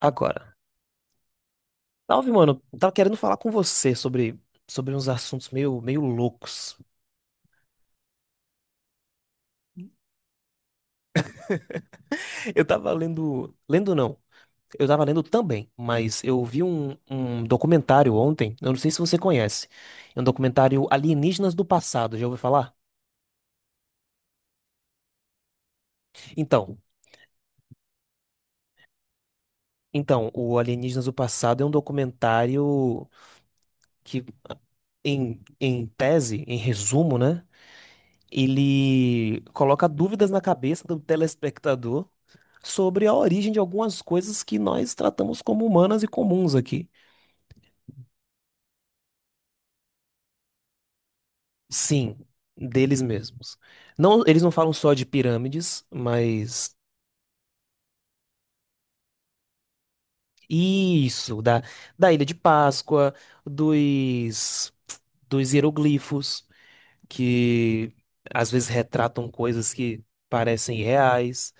Agora, salve, mano. Eu tava querendo falar com você sobre uns assuntos meio loucos. Eu tava lendo. Lendo não. Eu tava lendo também, mas eu vi um documentário ontem. Eu não sei se você conhece. É um documentário Alienígenas do Passado. Já ouviu falar? Então, então, o Alienígenas do Passado é um documentário que, em tese, em resumo, né? Ele coloca dúvidas na cabeça do telespectador sobre a origem de algumas coisas que nós tratamos como humanas e comuns aqui. Sim, deles mesmos. Não, eles não falam só de pirâmides, mas isso, da Ilha de Páscoa, dos, dos hieroglifos, que às vezes retratam coisas que parecem reais.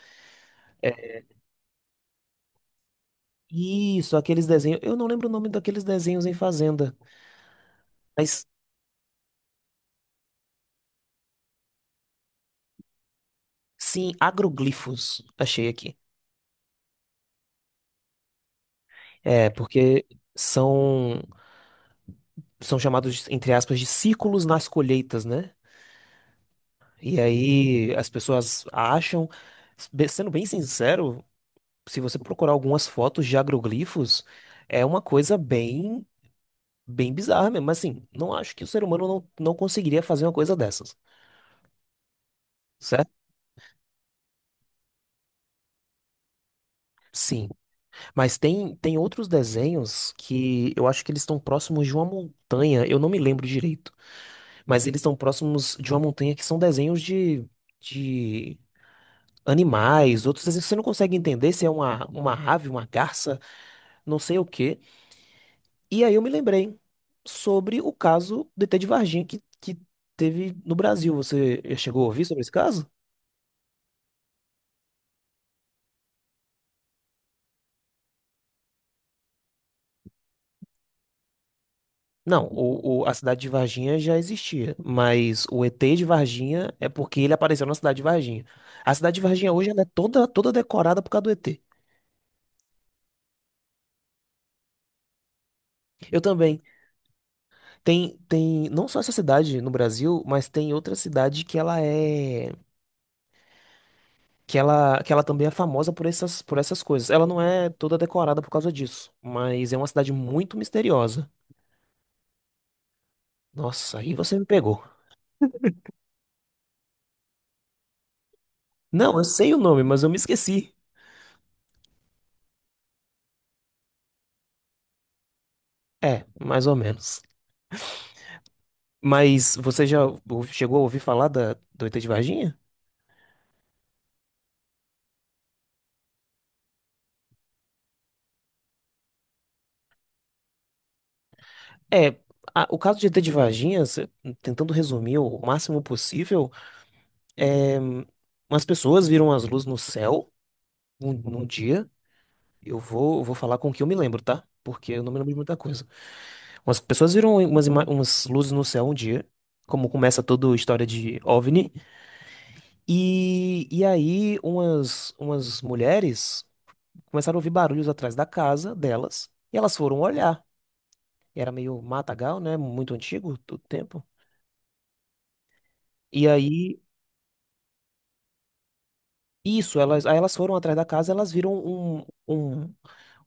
Isso, aqueles desenhos. Eu não lembro o nome daqueles desenhos em Fazenda, mas sim, agroglifos. Achei aqui. É, porque são. são chamados, entre aspas, de ciclos nas colheitas, né? E aí as pessoas acham, sendo bem sincero, se você procurar algumas fotos de agroglifos, é uma coisa bem, bem bizarra mesmo. Mas assim, não acho que o ser humano não conseguiria fazer uma coisa dessas, certo? Sim, mas tem outros desenhos que eu acho que eles estão próximos de uma montanha, eu não me lembro direito, mas eles estão próximos de uma montanha que são desenhos de animais, outros assim, que você não consegue entender se é uma ave, uma garça, não sei o quê. E aí eu me lembrei sobre o caso do ET de Varginha que teve no Brasil. Você chegou a ouvir sobre esse caso? Não, a cidade de Varginha já existia, mas o ET de Varginha é porque ele apareceu na cidade de Varginha. A cidade de Varginha hoje ela é toda decorada por causa do ET. Eu também. Tem, tem não só essa cidade no Brasil, mas tem outra cidade que ela é que ela também é famosa por essas coisas. Ela não é toda decorada por causa disso, mas é uma cidade muito misteriosa. Nossa, aí você me pegou. Não, eu sei o nome, mas eu me esqueci. É, mais ou menos. Mas você já chegou a ouvir falar da, do ET de Varginha? É, o caso de ET de Varginha, tentando resumir o máximo possível, hum, umas pessoas viram as luzes no céu num dia. Eu vou falar com o que eu me lembro, tá? Porque eu não me lembro de muita coisa. Umas pessoas viram umas luzes no céu um dia, como começa toda a história de OVNI. E aí umas mulheres começaram a ouvir barulhos atrás da casa delas. E elas foram olhar. E era meio matagal, né? Muito antigo, todo tempo. E aí, isso, aí elas foram atrás da casa, elas viram um,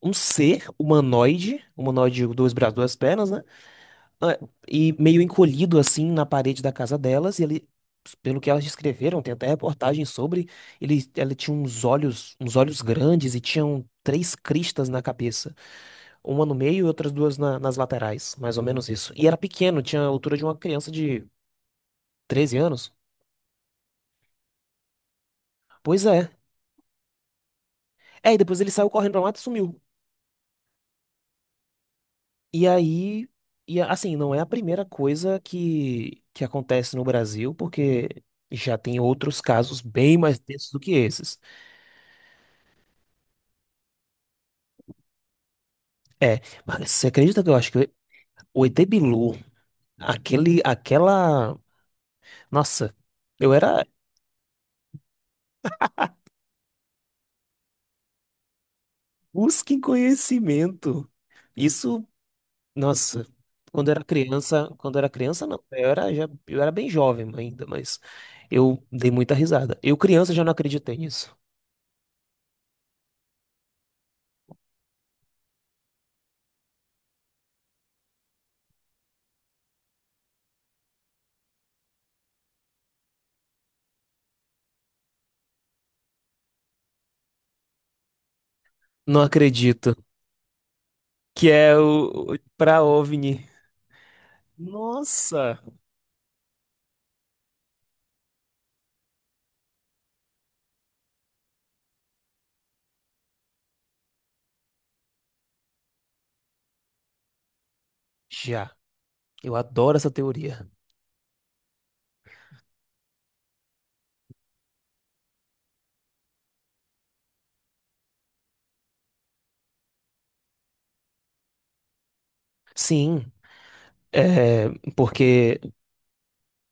um ser humanoide, humanoide, dois braços, duas pernas, né? é, e meio encolhido assim na parede da casa delas, e ele, pelo que elas descreveram, tem até reportagem sobre, ele, ela tinha uns olhos grandes e tinham três cristas na cabeça. Uma no meio e outras duas nas laterais, mais ou menos isso. E era pequeno, tinha a altura de uma criança de 13 anos. Pois é. É, e depois ele saiu correndo pra mata e sumiu. E aí, e assim, não é a primeira coisa que acontece no Brasil, porque já tem outros casos bem mais tensos do que esses. É, mas você acredita que eu acho que o ET Bilu, aquele, aquela. Nossa, eu era. Busque conhecimento. Isso. Nossa, quando era criança, não, eu era, já, eu era bem jovem ainda, mas eu dei muita risada. Eu, criança, já não acreditei nisso. Não acredito. Que é o pra OVNI. Nossa! Já, eu adoro essa teoria. Sim, é, porque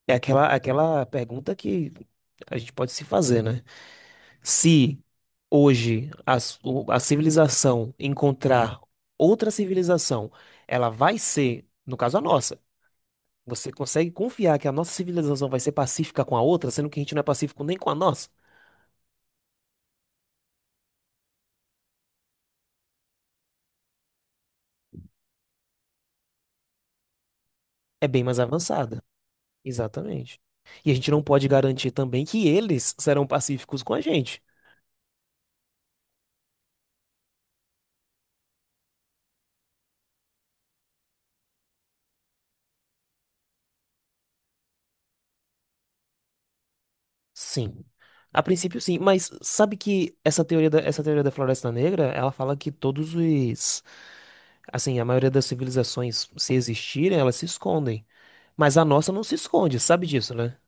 é aquela pergunta que a gente pode se fazer, né? Se hoje a civilização encontrar outra civilização, ela vai ser, no caso a nossa, você consegue confiar que a nossa civilização vai ser pacífica com a outra, sendo que a gente não é pacífico nem com a nossa? É bem mais avançada. Exatamente. E a gente não pode garantir também que eles serão pacíficos com a gente. Sim. A princípio, sim, mas sabe que essa teoria da Floresta Negra, ela fala que todos os, assim, a maioria das civilizações, se existirem, elas se escondem. Mas a nossa não se esconde, sabe disso, né?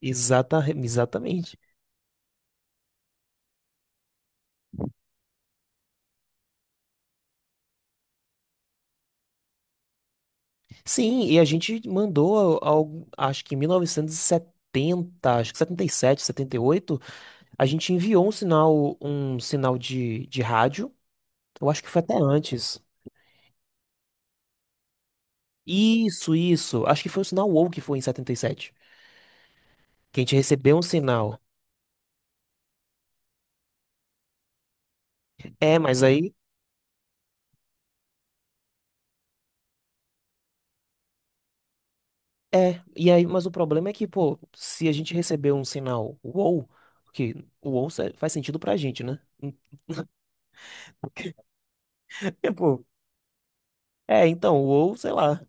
Exata, exatamente. Sim, e a gente mandou, acho que em 1970 acho que 70 77 78 a gente enviou um sinal de rádio, eu acho que foi até antes. Isso, acho que foi o sinal WOW que foi em 77. Que a gente recebeu um sinal. É, mas aí. É. E aí, mas o problema é que, pô, se a gente receber um sinal wow, que o wow faz sentido pra gente, né? Tipo, então, wow, sei lá.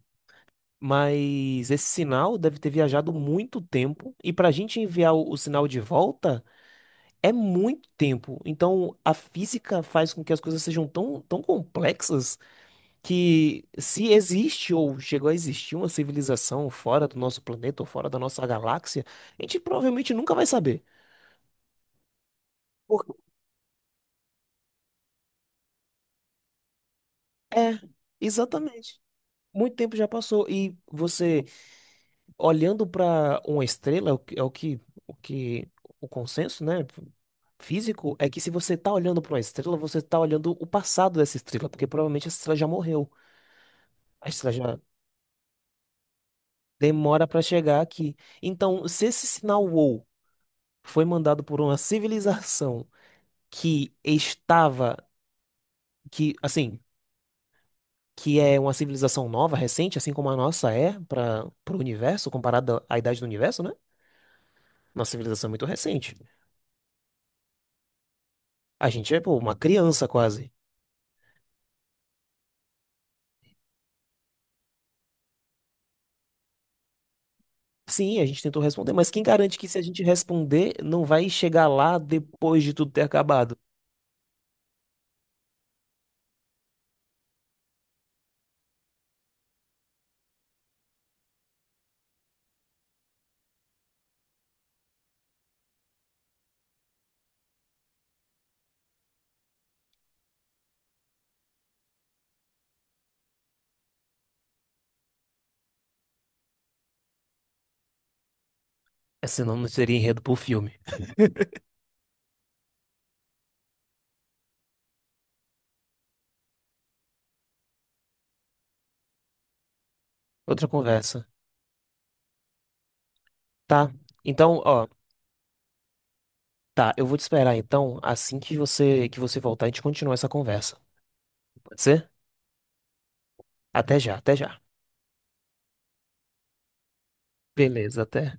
Mas esse sinal deve ter viajado muito tempo. E pra gente enviar o sinal de volta é muito tempo. Então, a física faz com que as coisas sejam tão, tão complexas que se existe ou chegou a existir uma civilização fora do nosso planeta ou fora da nossa galáxia, a gente provavelmente nunca vai saber. Porque é, exatamente. Muito tempo já passou e você olhando para uma estrela, é o que- o consenso, né, físico é que se você tá olhando para uma estrela, você tá olhando o passado dessa estrela, porque provavelmente essa estrela já morreu. A estrela já demora para chegar aqui. Então, se esse sinal WOW foi mandado por uma civilização que estava, que assim, que é uma civilização nova, recente, assim como a nossa é para o universo, comparada à idade do universo, né? Nossa civilização é muito recente. A gente é, pô, uma criança quase. Sim, a gente tentou responder, mas quem garante que se a gente responder, não vai chegar lá depois de tudo ter acabado? É, senão não seria enredo pro filme. Outra conversa. Tá. Então, ó, tá, eu vou te esperar então, assim que você voltar, a gente continua essa conversa. Pode ser? Até já, até já. Beleza, até.